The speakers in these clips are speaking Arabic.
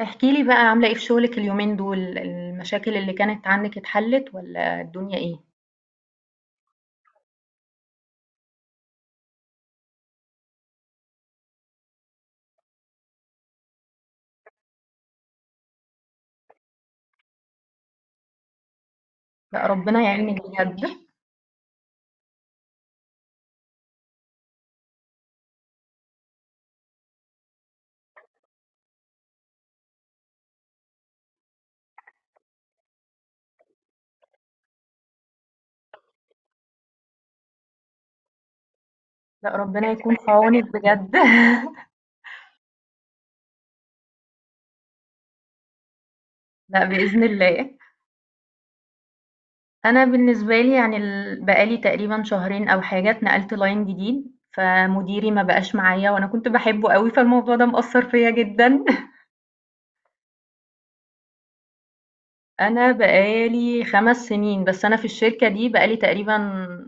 احكي لي بقى عاملة ايه في شغلك اليومين دول؟ المشاكل اللي كانت عندك اتحلت ولا الدنيا ايه؟ لا ربنا يعينك بجد. لا ربنا يكون في عونك بجد. لا بإذن الله. انا بالنسبة لي يعني بقالي تقريبا شهرين او حاجة اتنقلت لاين جديد، فمديري ما بقاش معايا وانا كنت بحبه قوي، فالموضوع ده مأثر فيا جدا. انا بقالي 5 سنين، بس انا في الشركة دي بقالي تقريبا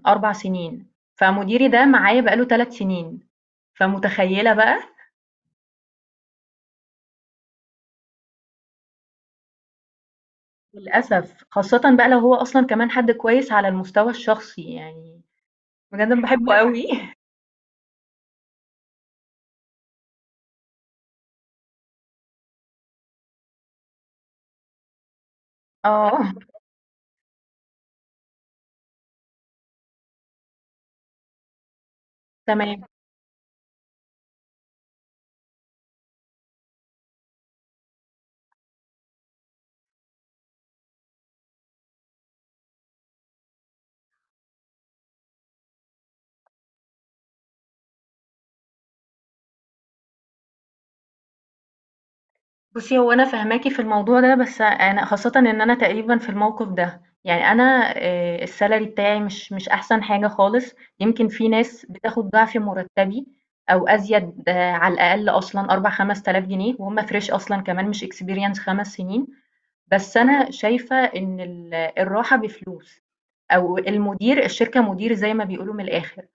4 سنين، فمديري ده معايا بقاله 3 سنين، فمتخيلة بقى. للأسف، خاصةً بقى لو هو أصلًا كمان حد كويس على المستوى الشخصي، يعني بجد أنا باحبه أوي. آه، تمام. بُصّي، هو أنا فاهماكِ في الموضوع ده، بس أنا خاصةً إن أنا تقريبًا في الموقف ده، يعني أنا الsalary بتاعي مش أحسن حاجة خالص، يمكن في ناس بتاخد ضعف مرتبي أو أزيد، آه، على الأقل أصلًا 4، 5000 جنيه وهُم fresh أصلًا كمان مش experience 5 سنين، بس أنا شايفة إن الراحة بفلوس، أو المدير الشركة مدير زي ما بيقولوا من الآخر،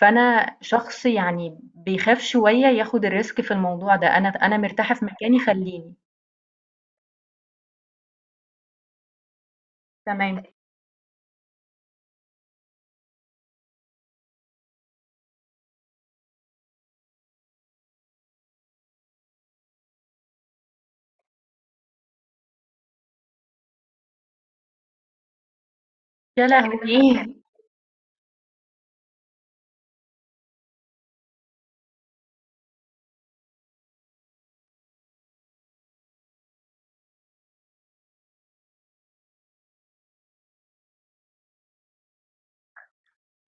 فأنا شخص يعني بيخاف شوية ياخد الrisk في الموضوع ده، أنا مرتاحة في مكاني خلّيني. تمام. يا لهوي!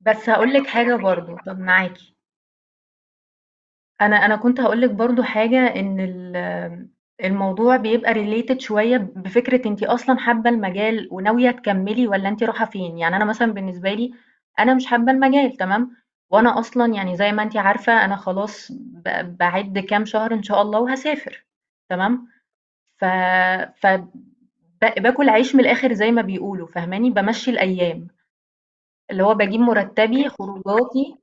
بس هاقول لِك حاجة برضه، طَب معاكِ. أنا كنت هاقول لِك برضه حاجة إن الموضوع بيبقى related شوية بفكرة أنتِ أصلًا حابة المجال وناوية تكمّلي والّا أنتِ رايحة فين، يعني أنا مثلًا بالنسبة لي أنا مش حابة المجال، تمام، وأنا أصلًا يعني زي ما أنتِ عارفة أنا خلاص باعِد كام شهر إن شاء الله وهاسافر، تمام، ف ف ب باكل عيش من الآخر زي ما بيقولوا، فاهماني، بامشّي الأيام، اللي هو باجيب مُرتّبي، خروجاتي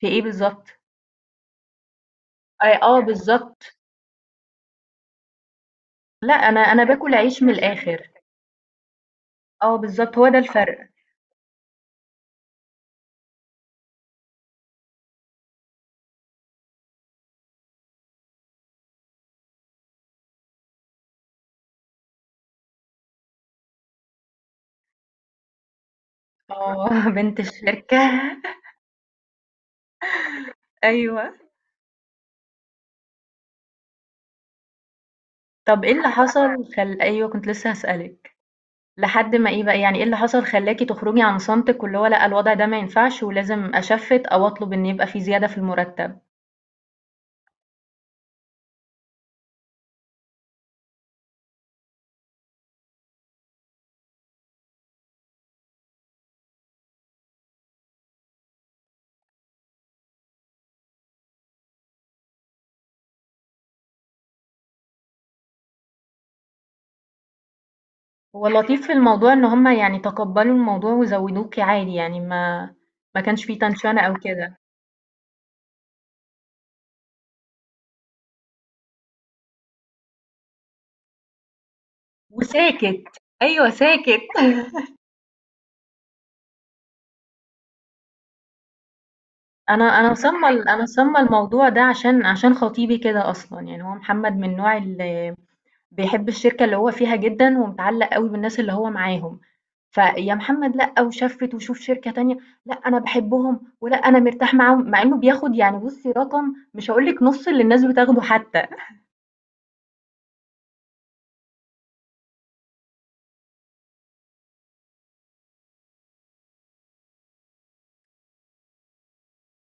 في إيه بالضبط. آه بالضبط. لأ، أنا باكل عيش من الآخر. آه بالضبط، هو ده الفرق. آه، بنت الشركة. أيوه. طَب إيه اللي حصل خل أيوه، كنت لسه هاسألِك. لحد ما إيه بقى، يعني إيه اللي حصل خلّاكِ تخرجي عن صمتِك واللي هو لأ، الوضع ده ما ينفعش ولازم أشفِّت أو أطلب إن يبقى في زيادة في المرتب؟ هو اللطيف في الموضوع إن هم يعني تقبّلوا الموضوع وزوّدوكِ عادي، يعني ما كانش في تنشنة أو كده. وساكت. أيوه ساكت. انا صمم الموضوع ده عشان خطيبي كده اصلا، يعني هو محمد من النوع اللي بيحب الشركه اللي هو فيها جدا ومتعلق قوي بالناس اللي هو معاهم. فيا محمد، لا وشفت وشوف شركه تانية. لا انا بحبهم ولا انا مرتاح معاهم، مع انه بياخد يعني بصي رقم مش هقول لك نص اللي الناس بتاخده حتى.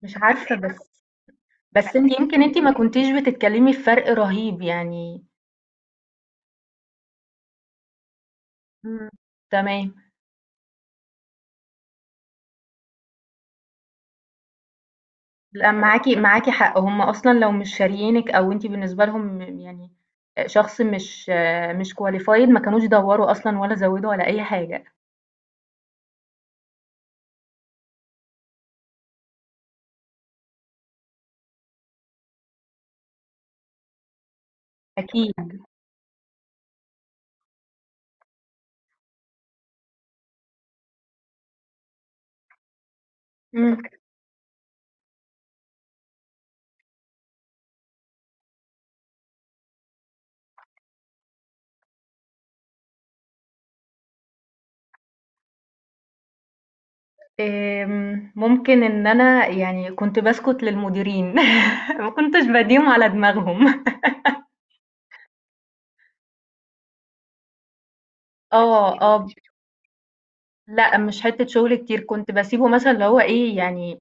مش عارفه، بس انت يمكن انت ما كنتيش بتتكلمي في فرق رهيب يعني. مم. تمام. لأ معاكِ حق، هُم أصلًا لو مش شاريينِك أو أنتِ بالنسبة لهم يعني شخص مش qualified، ما كانوش دَوّروا أصلًا ولا زوّدوا ولا أي حاجة. أكيد. إمم. ممكن إن أنا يعني كنت باسكت للمديرين، ما كنتش بادّيهم على دماغهم. آه، آه، لأ مش حتّة شغل كتير، كنت باسيبه مثلًا اللي هو إيه، يعني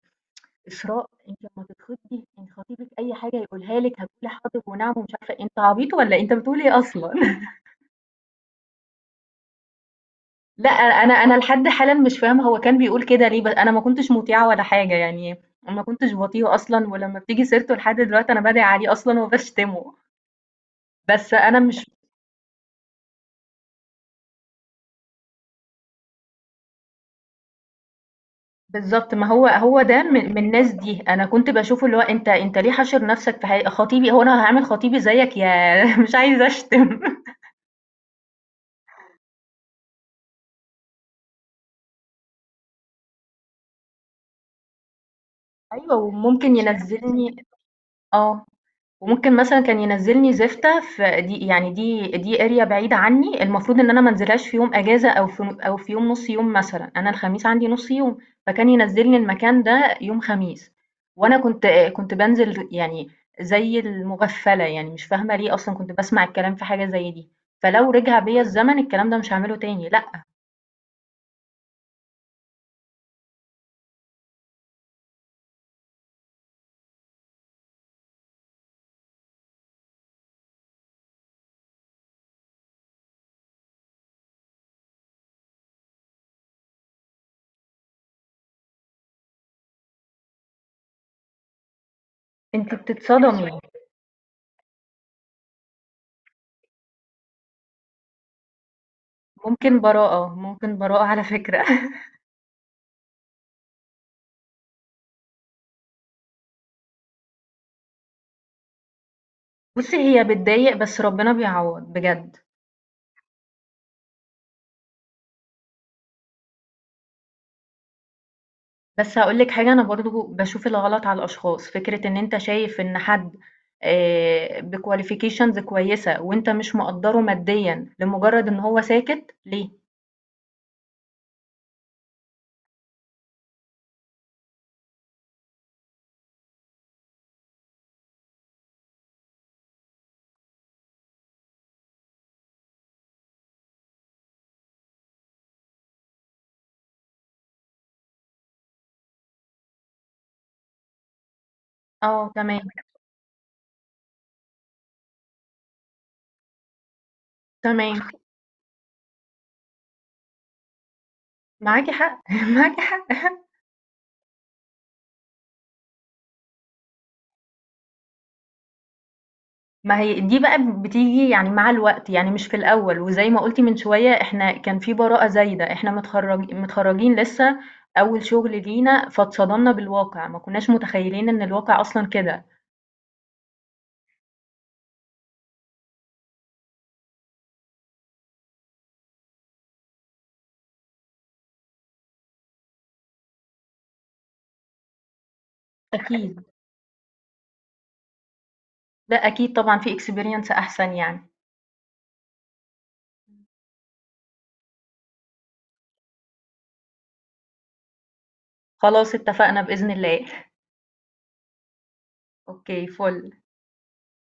إسراء أنتِ لمّا تتخطبي أنتِ خطيبِك أي حاجة يقولها لِك هتقولي حاضر ونعم ومش عارفة إيه، أنت عبيط والّا أنت بتقول إيه أصلًا؟ لأ، أنا لحد حالًا مش فاهمة هو كان بيقول كده ليه، ب أنا ما كنتش مطيعة ولا حاجة يعني، ما كنتش باطيعه أصلًا، ولمّا بتيجي سيرته لحد دلوقتي أنا بادعي عليه أصلًا وباشتمه، بس أنا مش بالضبط، ما هو هو ده من الناس دي، أنا كنت باشوفه اللي هو أنت ليه حاشر نَفْسك في حاجة خطيبي، هو أنا هاعمل خطيبي زيّك؟ ياه! مش عايزة أشتم. أيوه، وممكن ينزّلني. آه. وممكن مثلًا كان ينزّلني زفتة في دي يعني دي area بعيدة عني، المفروض إن أنا ما انزلهاش في يوم أجازة أو في أو في يوم نُص يوم مثلًا، أنا الخميس عندي نُص يوم، فكان ينزّلني المكان ده يوم خميس، وأنا كنت بانزل يعني زي المغفّلة، يعني مش فاهمة ليه أصلًا كنت باسمع الكلام في حاجة زي دي، فلو رجع بيّا الزمن الكلام ده مش هاعمله تاني، لأ. أنتِ بتتصدمي. ممكن براءة، ممكن براءة على فكرة. بُصّي هي بتضايق بس ربنا بيعوّض بجد. بس هاقول لِك حاجة، أنا برضه باشوف الغلط على الأشخاص، فكرة إن أنت شايف إن حد بqualifications كويسة وأنت مش مقدّره ماديًا لمجرد إن هو ساكت ليه؟ آه تمام. تمام، معاكِ حق. معاكِ حق. ما هي دي بقى بتيجي يعني مع الوقت، يعني مش في الأول، وزي ما قُلتِ من شوية إحنا كان في براءة زايدة، إحنا متخرجين لسه، أول شغل لينا، فاتصدمنا بالواقع، ما كناش متخيلين إن الواقع أصلًا كده. أكيد. لأ أكيد طبعًا في experience أحسن يعني. خلاص اتفقنا بإذن الله. أوكي فُل.